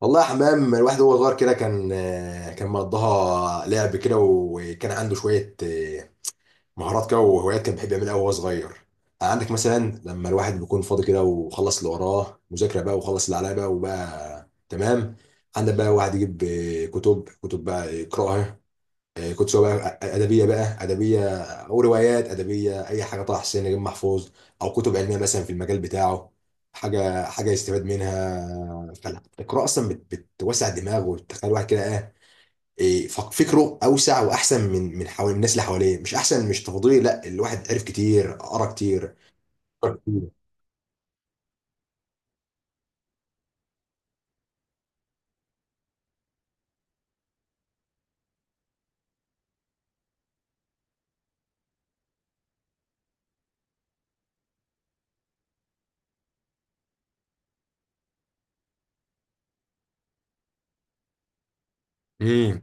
والله يا حمام، الواحد وهو صغير كده كان كان مقضاها لعب كده، وكان عنده شوية مهارات كده وهوايات كان بيحب يعملها وهو صغير. عندك مثلا لما الواحد بيكون فاضي كده وخلص اللي وراه مذاكرة بقى، وخلص اللي عليه بقى وبقى تمام، عندك بقى واحد يجيب كتب، كتب بقى يقرأها. كنت سواء بقى ادبيه، بقى ادبيه او روايات ادبيه، اي حاجه، طه حسين، نجيب محفوظ، او كتب علميه مثلا في المجال بتاعه، حاجه حاجه يستفاد منها. فالقراءه اصلا بتوسع الدماغ وبتخلي الواحد كده ايه، فكره اوسع واحسن من حوالي الناس اللي حواليه. مش احسن، مش تفضيلي، لا، الواحد عرف كتير، قرا كتير، فكر كتير. امم.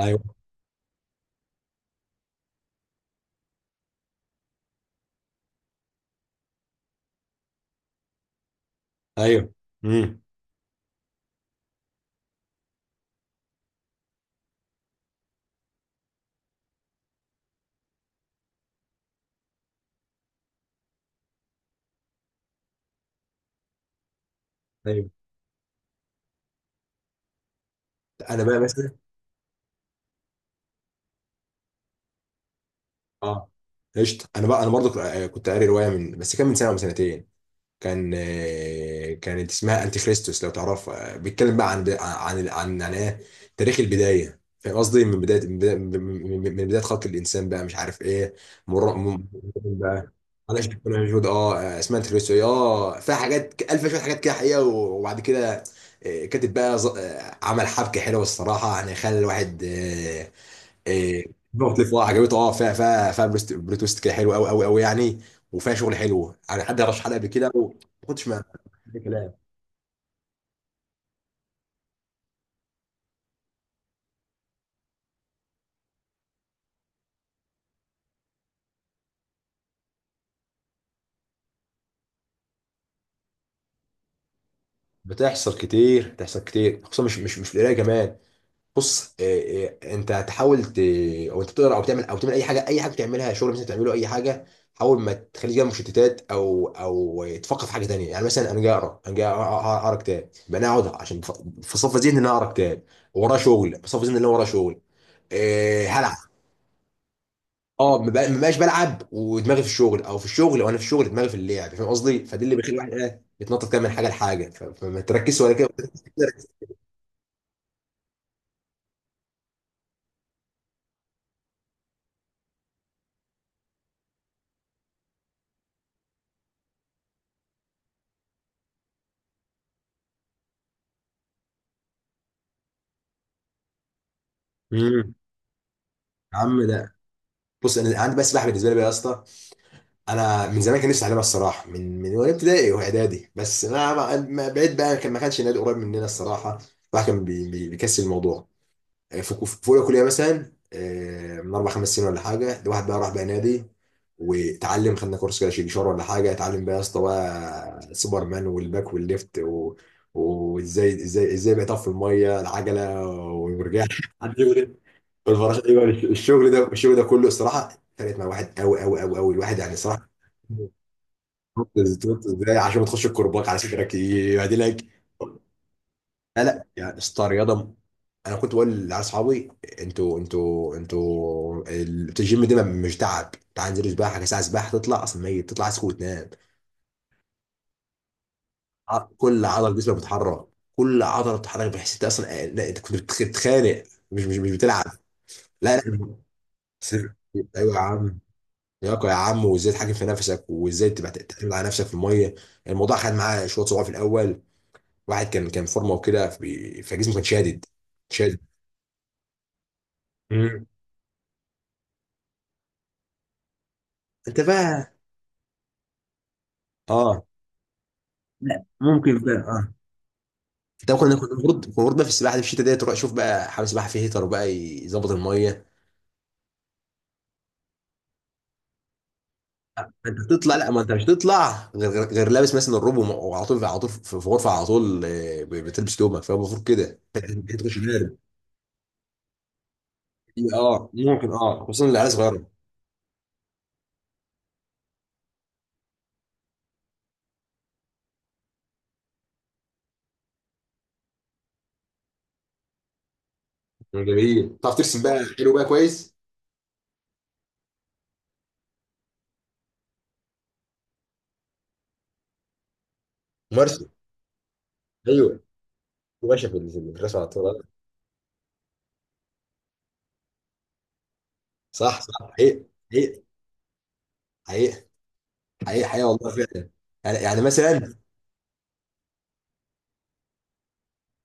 ايوه. ايوه. امم. ايوه، انا بقى مثلا، اه، قشطه. انا بقى انا برضو كنت قاري روايه من، بس كان من سنه او من سنتين، كان كانت اسمها انتي كريستوس لو تعرفها. بيتكلم بقى عن يعني ايه، تاريخ البدايه، فاهم قصدي؟ من بدايه، من بدايه، من بدايه خلق الانسان بقى مش عارف ايه. مر م- بقى. انا شفت انا موجود اه، اسمها انتي كريستوس. اه، فيها حاجات الف شويه حاجات كده حقيقه، وبعد كده كاتب بقى عمل حبكه حلوه الصراحه، يعني خلى الواحد آه، إيه، مختلفة. عجبته اه، فيها بريت تويست كده حلو قوي قوي قوي يعني، وفيها شغل حلو يعني. حد رشح حلقه قبل كده ما كنتش ما. ده كلام بتحصل كتير، بتحصل كتير، خصوصا مش في القرايه كمان. بص، إيه انت تحاول ت... او انت بتقرا او تعمل، او تعمل اي حاجه، اي حاجه بتعملها، شغل مثلا تعمله، اي حاجه، حاول ما تخليش جنب مشتتات، او تفكر في حاجه تانيه. يعني مثلا انا جاي اقرا، انا جاي اقرا، اقرا كتاب، يبقى انا اقعد عشان بصفي ذهني ان انا اقرا كتاب، ورايا شغل، بصفي ذهني ان انا ورايا شغل هلعب. اه، ما بقاش بلعب ودماغي في الشغل، او في الشغل وانا في الشغل دماغي في اللعب، فاهم قصدي؟ فدي اللي بيخلي الواحد ايه، يتنطط كده من حاجه لحاجه، فما تركزش ولا كده. امم. يا عم ده، بص، انا عندي بقى سباحه، بالنسبه لي بقى يا اسطى، انا من زمان كان نفسي اتعلمها الصراحه، من، وانا ابتدائي واعدادي، بس بعيد بقى، كان ما كانش نادي قريب مننا الصراحه، الواحد كان بيكسل الموضوع. في في اولى كليه مثلا، من اربع خمس سنين ولا حاجه، الواحد بقى راح بقى نادي واتعلم، خدنا كورس كده شيكشار ولا حاجه، اتعلم بقى يا اسطى بقى، سوبر مان والباك والليفت و... وازاي ازاي ازاي بقى يطفي الميه، العجله والمرجحة. حد يقول إيه؟ والفراشه، ايوه. الشغل ده، الشغل ده كله الصراحه فرقت مع واحد قوي قوي قوي قوي الواحد يعني صراحه. تنط. ازاي عشان ما تخش الكرباج على صدرك يعدلك. لا لا، يعني اسطى رياضه، انا كنت بقول لاصحابي، انتوا الجيم ده مش تعب، تعال انزل سباحه، ساعه سباحه تطلع اصلا ميت، تطلع عايز وتنام. ع- كل عضله جسمك بتتحرك، كل عضله بتتحرك، بحيث انت اصلا لا، انت كنت بتتخانق، مش بتلعب. لا لا، سر. ايوه يا عم، لياقه يا عم، وازاي تحاكم في نفسك، وازاي تبقى تعتمد على نفسك في الميه. الموضوع خد معاه شويه صعوبه في الاول، واحد كان فورمه وكده، فجسمه كان شادد شادد. مم. انت بقى، اه، لا ممكن بقى، اه، ده كنا المفروض بقى في السباحه دي في الشتاء ديت، تروح شوف بقى حمام سباحه فيه هيتر وبقى يظبط الميه. انت بتطلع، لا، ما انت مش هتطلع غير لابس مثلا الروب، وعلى طول، على طول في في غرفه على طول، بتلبس تومك، فالمفروض كده. تخش بارد، اه ممكن، اه، خصوصا العيال صغيره. جميل، تعرف ترسم بقى حلو بقى كويس، مرسم. ايوه باشا، في في الرسم على طول. آه. صح صح، حقيقي، حقيقي، حقيقي، حقيقي حقيقي، والله فعلا. يعني، يعني مثلا،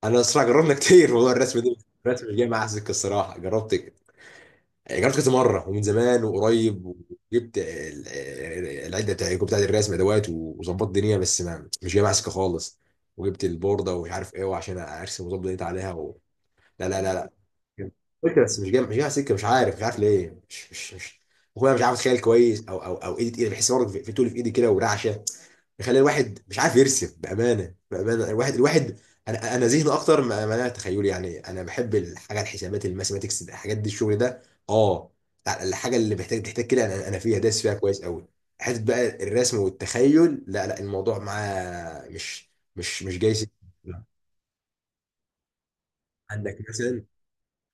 انا الصراحه جربنا كتير موضوع الرسم ده، الرسم مش جاي معايا سكه الصراحه، جربت، جربت كذا مره، ومن زمان وقريب، وجبت العده بتاع بتاعت الرسم، ادوات، وظبطت الدنيا، بس ما مش جاي معايا سكه خالص. وجبت البورده ومش عارف ايه، وعشان ارسم واظبط دنيتي عليها و... لا لا لا لا. قلت بس مش جاي، مش جاي معايا سكه، مش عارف، مش عارف ليه، مش اخويا مش عارف اتخيل كويس، او ايدي تقيله، بحس برضه في في تقول في ايدي كده ورعشه، بيخلي الواحد مش عارف يرسم. بامانه، بامانه، الواحد، الواحد، انا ذهني اكتر، ما ما انا تخيلي يعني، انا بحب الحاجه، الحسابات، الماثيماتكس، الحاجات دي، الشغل ده، اه لا، الحاجه اللي محتاج تحتاج كده انا انا فيها داس فيها كويس قوي. حته بقى الرسم والتخيل، لا لا، الموضوع معاه مش جاي سكة. عندك مثلا،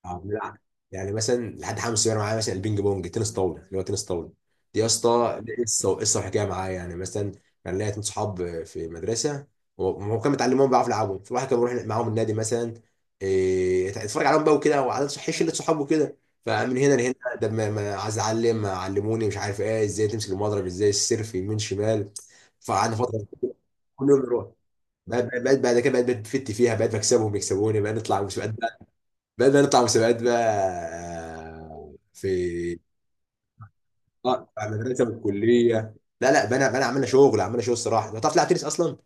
اه بنلعب، يعني مثلا لحد حاجه مصيره معايا، مثلا البينج بونج، تنس طاوله اللي هو تنس طاوله، دي يا اسطى دي قصه وحكايه معايا يعني. مثلا كان ليا اتنين صحاب في مدرسه، وهم كانوا متعلمين بيعرفوا يلعبوا، فالواحد كان بيروح معاهم النادي مثلا، يتفرج عليهم بقى وكده، وعلى صحيح شله صحابه وكده. فمن هنا لهنا، ده ما ما عايز اتعلم، علموني مش عارف ايه، ازاي تمسك المضرب، ازاي السيرف يمين شمال. فقعدنا فتره، كل يوم نروح، بقيت، بعد كده بقيت بفت فيها، بقيت بكسبهم، يكسبوني، بقيت نطلع مسابقات. بدأنا نطلع مسابقات بقى، في، على المدرسة والكلية. لا لا، بنا بنا عملنا شغل، عملنا شغل الصراحة. انت بتعرف تلعب تنس اصلا؟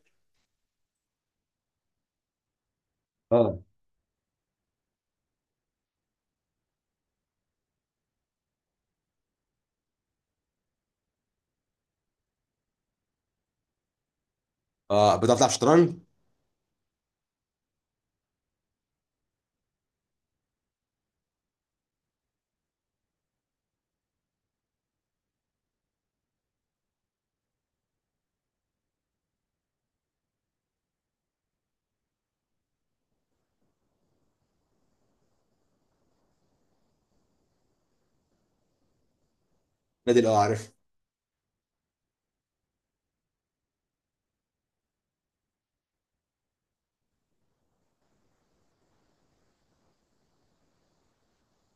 اه. اه، بتعرف تلعب شطرنج؟ نادي، اه عارف.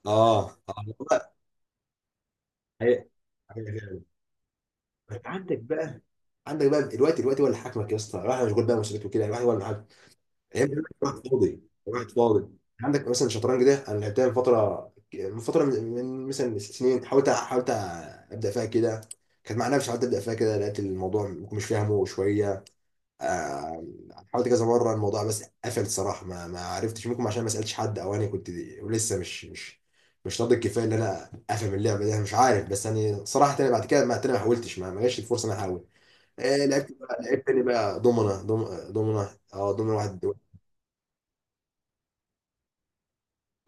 اه. اه والله. هي- هي. عندك بقى، عندك بقى الوقت، الوقت هو اللي حاكمك يا اسطى، الواحد مشغول بقى مسؤوليته كده، الواحد هو اللي هيبقى عندك واحد فاضي، واحد فاضي. عندك مثلا الشطرنج ده، انا لعبتها من فتره، من فتره، من مثلا سنين، حاولت، حاولت ابدا فيها كده، كانت مع نفسي، حاولت ابدا فيها كده، لقيت الموضوع مش فاهمه شويه. آه، حاولت كذا مره الموضوع، بس قفل الصراحه، ما ما عرفتش، ممكن عشان ما سالتش حد، او انا كنت لسه مش مش مش ناضج كفايه ان انا افهم اللعبه دي. أنا مش عارف بس يعني صراحه، انا بعد كده ما انا ما حاولتش، ما ما جاش الفرصه ان انا احاول. لعبت بقى لعبت تاني بقى دومنا، دومنا، اه دومنا واحد.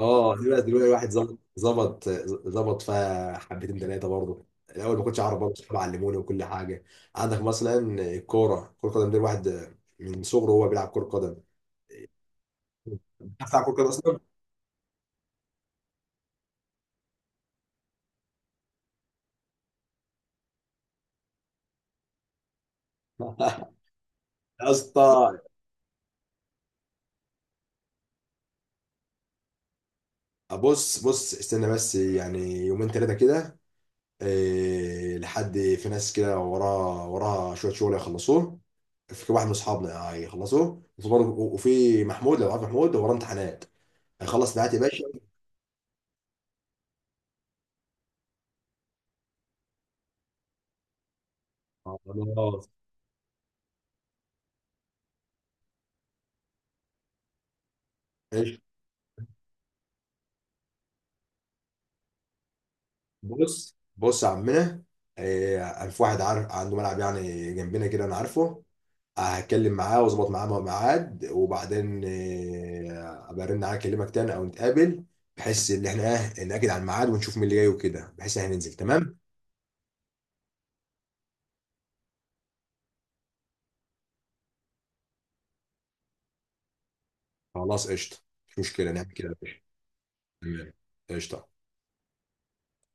اه دلوقتي، دلوقتي الواحد ظبط، ظبط، ظبط فيها حبتين ثلاثه، برضه الاول ما كنتش اعرف، برضه صحابي علموني وكل حاجه. عندك مثلا الكوره، كره القدم دي، الواحد من صغره هو بيلعب كره قدم. بتعرف تلعب كره قدم اصلا؟ يا اسطى. بص بص استنى بس، يعني يومين ثلاثه كده، إيه لحد، في ناس كده وراها، وراها شويه شغل يخلصوه، في واحد من اصحابنا هيخلصوه، وفي وفي محمود، لو عارف محمود، وراه امتحانات، هيخلص امتحانات يا باشا. خلاص، ماشي. بص بص يا عمنا، في واحد عارف عنده ملعب يعني جنبنا كده انا عارفه، هتكلم معاه واظبط معاه ميعاد، وبعدين ابقى ارن عليك، اكلمك تاني او نتقابل، بحيث ان احنا ايه، ناكد على الميعاد ونشوف مين اللي جاي وكده، بحيث ان احنا ننزل تمام. خلاص قشطه، مش مشكله نعمل كده يا باشا. تمام، قشطه.